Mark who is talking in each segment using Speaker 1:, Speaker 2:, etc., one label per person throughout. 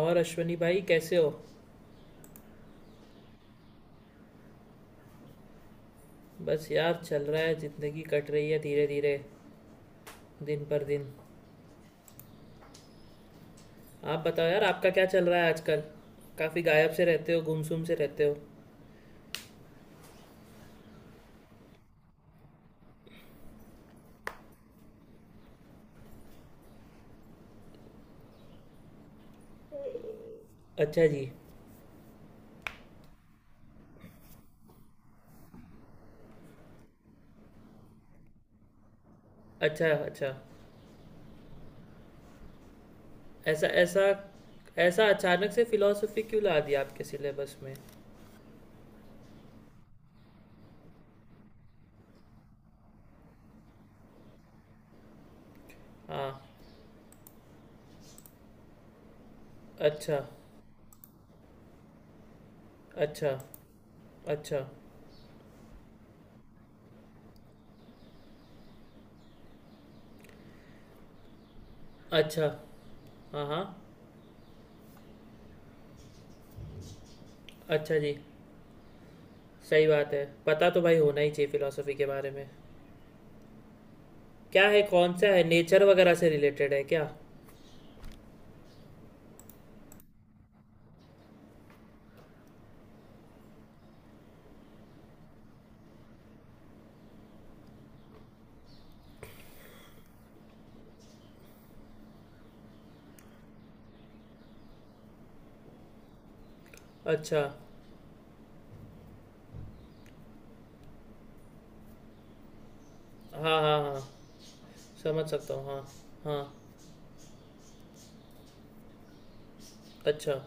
Speaker 1: और अश्वनी भाई कैसे हो। बस यार चल रहा है, ज़िंदगी कट रही है धीरे धीरे दिन पर दिन। आप बताओ यार, आपका क्या चल रहा है आजकल? काफ़ी गायब से रहते हो, गुमसुम से रहते हो। अच्छा जी। अच्छा अच्छा। ऐसा ऐसा। ऐसा अचानक से फिलॉसफी क्यों ला दिया आपके सिलेबस में? हाँ। अच्छा। अच्छा। अच्छा। अच्छा। हाँ हाँ। अच्छा जी। सही बात है, पता तो भाई होना ही चाहिए फिलॉसफी के बारे में। क्या है? कौन सा है, नेचर वगैरह से रिलेटेड है क्या? अच्छा। हाँ हाँ हाँ। समझ सकता हूँ, हाँ। हाँ। अच्छा।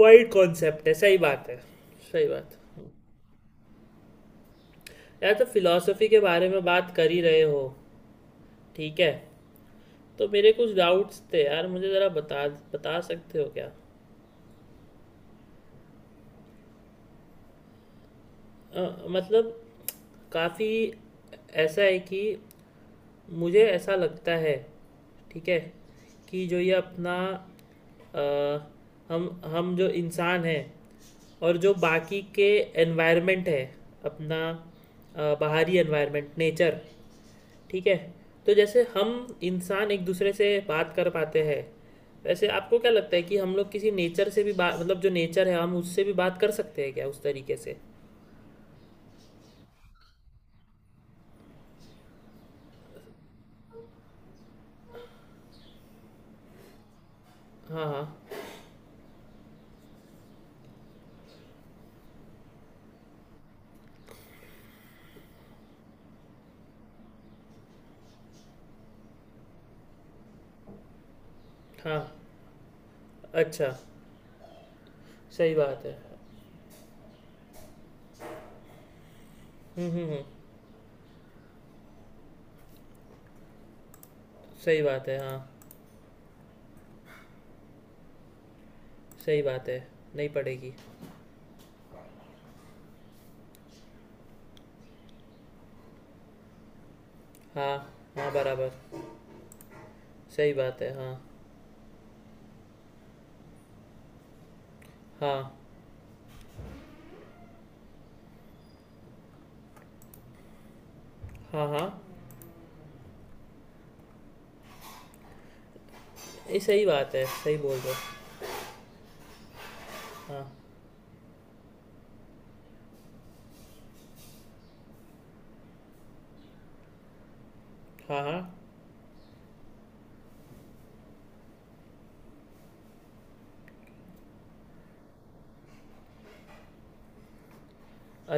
Speaker 1: वाइड कॉन्सेप्ट है, सही बात है। सही बात है। यार तो फिलॉसफी के बारे में बात कर ही रहे हो, ठीक है, तो मेरे कुछ डाउट्स थे यार, मुझे ज़रा बता, बता सकते हो क्या? मतलब काफ़ी ऐसा है कि मुझे ऐसा लगता है, ठीक है, कि जो ये अपना हम हम जो इंसान हैं और जो बाकी के एनवायरनमेंट है अपना, बाहरी एनवायरनमेंट नेचर, ठीक है। तो जैसे हम इंसान एक दूसरे से बात कर पाते हैं, वैसे आपको क्या लगता है कि हम लोग किसी नेचर से भी बात, मतलब जो नेचर है हम उससे भी बात कर सकते हैं क्या उस तरीके से? हाँ हाँ हाँ। अच्छा। सही बात है। हम्म हम्म हम्म, सही बात है हाँ। सही बात है नहीं पड़ेगी। हाँ। हाँ बराबर। सही बात है हाँ हाँ हाँ हाँ ये सही बात है, सही बोल रहे हो। हाँ हाँ हाँ।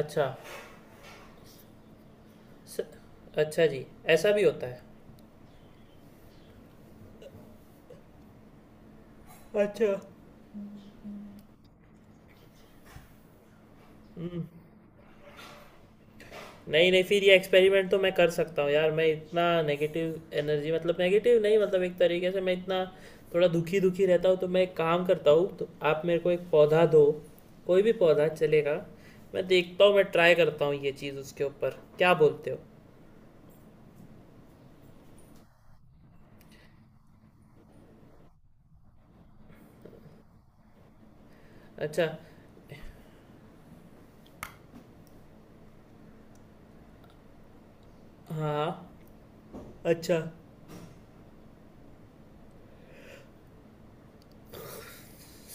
Speaker 1: अच्छा। स, अच्छा जी। ऐसा भी होता है। अच्छा। नहीं नहीं, फिर ये एक्सपेरिमेंट तो मैं कर सकता हूँ यार। मैं इतना नेगेटिव एनर्जी, मतलब नेगेटिव नहीं, मतलब एक तरीके से मैं इतना थोड़ा दुखी दुखी रहता हूँ, तो मैं एक काम करता हूँ, तो आप मेरे को एक पौधा दो, कोई भी पौधा चलेगा। मैं देखता हूँ, मैं ट्राई करता हूँ ये चीज़ उसके ऊपर, क्या बोलते हो? अच्छा। हाँ। अच्छा।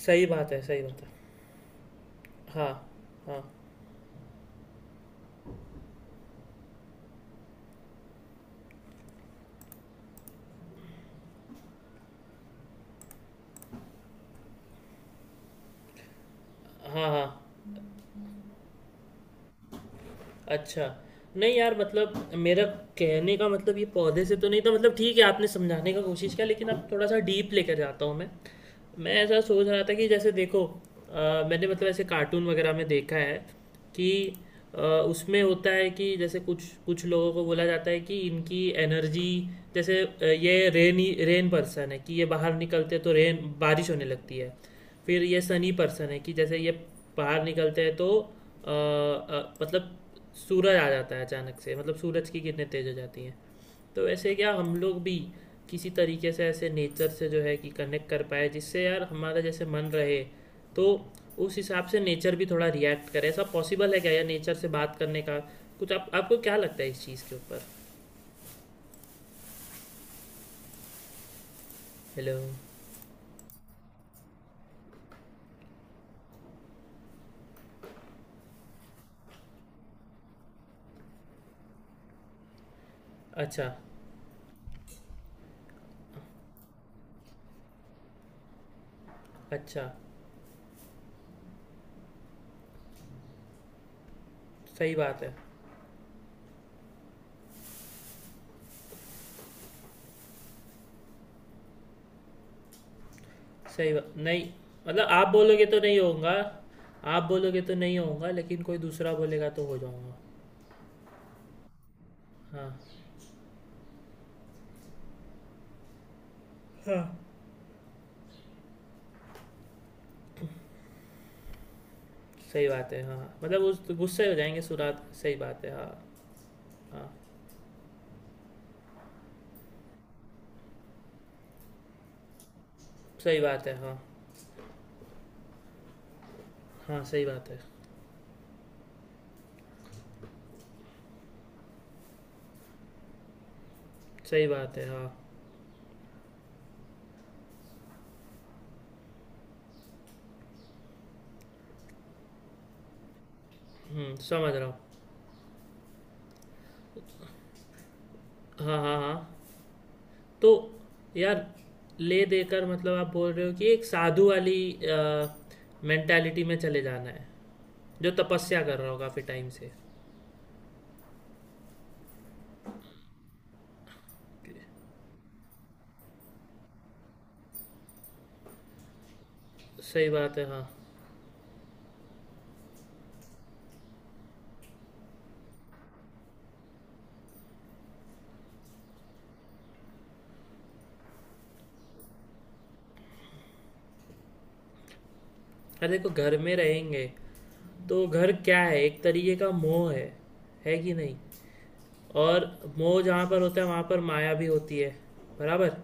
Speaker 1: सही बात है, सही बात है। हाँ हाँ हाँ हाँ। अच्छा। नहीं यार, मतलब मेरा कहने का मतलब ये पौधे से तो नहीं था, मतलब ठीक है आपने समझाने का कोशिश किया, लेकिन अब थोड़ा सा डीप लेकर जाता हूँ मैं। मैं ऐसा सोच रहा था कि जैसे देखो, मैंने मतलब ऐसे कार्टून वगैरह में देखा है, कि उसमें होता है कि जैसे कुछ कुछ लोगों को बोला जाता है कि इनकी एनर्जी, जैसे ये रेनी रेन पर्सन है कि ये बाहर निकलते हैं तो रेन बारिश होने लगती है। फिर ये सनी पर्सन है कि जैसे ये बाहर निकलते हैं तो मतलब सूरज आ जाता है अचानक से, मतलब सूरज की किरणें तेज हो जाती हैं। तो ऐसे क्या हम लोग भी किसी तरीके से ऐसे नेचर से जो है कि कनेक्ट कर पाए, जिससे यार हमारा जैसे मन रहे, तो उस हिसाब से नेचर भी थोड़ा रिएक्ट करे, ऐसा पॉसिबल है क्या यार नेचर से बात करने का? कुछ, आप आपको क्या लगता है इस चीज़ के ऊपर? हेलो। अच्छा। अच्छा। सही बात है। सही बात नहीं? मतलब आप बोलोगे तो नहीं होऊंगा। आप बोलोगे तो नहीं होऊंगा, लेकिन कोई दूसरा बोलेगा तो हो जाऊंगा। हाँ हाँ सही बात है हाँ। मतलब उस गुस्से हो जाएंगे सुरात, सही बात है हाँ। हाँ सही बात है हाँ। हाँ सही बात है। सही बात है हाँ। समझ रहा हूँ। हाँ हाँ हाँ। तो यार, ले देकर मतलब आप बोल रहे हो कि एक साधु वाली मेंटालिटी में चले जाना है, जो तपस्या कर रहा हो काफ़ी टाइम से। सही बात है हाँ। अरे देखो घर में रहेंगे तो घर क्या है, एक तरीके का मोह है कि नहीं? और मोह जहाँ पर होता है वहाँ पर माया भी होती है, बराबर।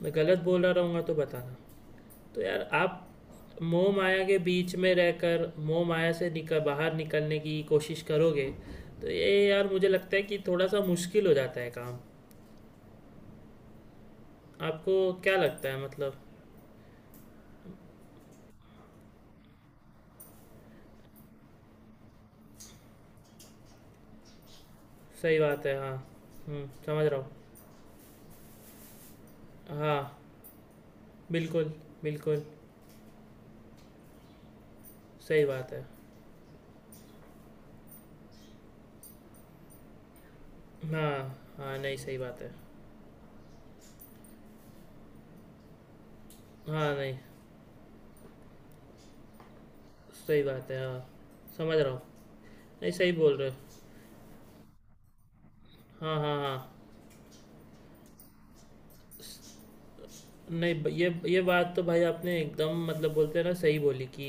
Speaker 1: मैं गलत बोल रहा रहूँगा तो बताना। तो यार आप, मोह माया के बीच में रहकर मोह माया से निकल बाहर निकलने की कोशिश करोगे, तो ये यार मुझे लगता है कि थोड़ा सा मुश्किल हो जाता है काम। आपको क्या लगता है मतलब? सही बात है हाँ। समझ रहा हूँ। हाँ बिल्कुल बिल्कुल। सही बात है हाँ। हाँ नहीं सही बात है हाँ। नहीं सही बात है हाँ। समझ रहा हूँ। नहीं सही बोल रहे हो। हाँ हाँ हाँ। नहीं, ये बात तो भाई आपने एकदम मतलब बोलते हैं ना, सही बोली, कि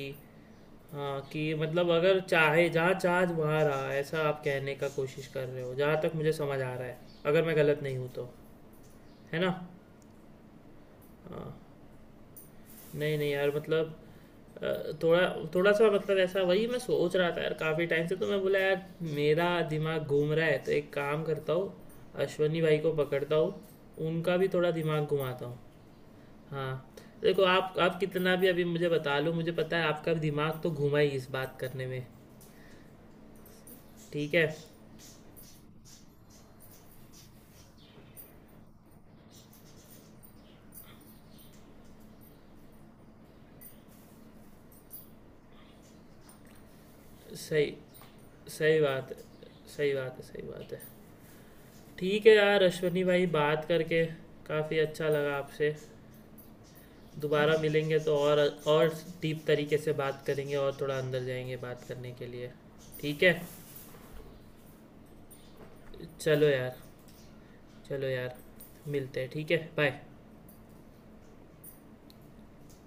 Speaker 1: हाँ, कि मतलब अगर चाहे जहाँ चाह वहाँ रहा, ऐसा आप कहने का कोशिश कर रहे हो जहाँ तक मुझे समझ आ रहा है, अगर मैं गलत नहीं हूँ तो, है ना? हाँ। नहीं नहीं यार, मतलब थोड़ा थोड़ा सा मतलब ऐसा, वही मैं सोच रहा था यार काफ़ी टाइम से, तो मैं बोला यार मेरा दिमाग घूम रहा है, तो एक काम करता हूँ, अश्वनी भाई को पकड़ता हूँ, उनका भी थोड़ा दिमाग घुमाता हूँ। हाँ। देखो आप कितना भी अभी मुझे बता लो, मुझे पता है आपका दिमाग तो घुमा ही इस बात करने में। ठीक है। सही। सही बात है। सही बात है सही बात है। ठीक है यार अश्वनी भाई, बात करके काफ़ी अच्छा लगा आपसे, दोबारा मिलेंगे तो और डीप तरीके से बात करेंगे, और थोड़ा अंदर जाएंगे बात करने के लिए, ठीक है। चलो यार। चलो यार। मिलते हैं, ठीक है, बाय।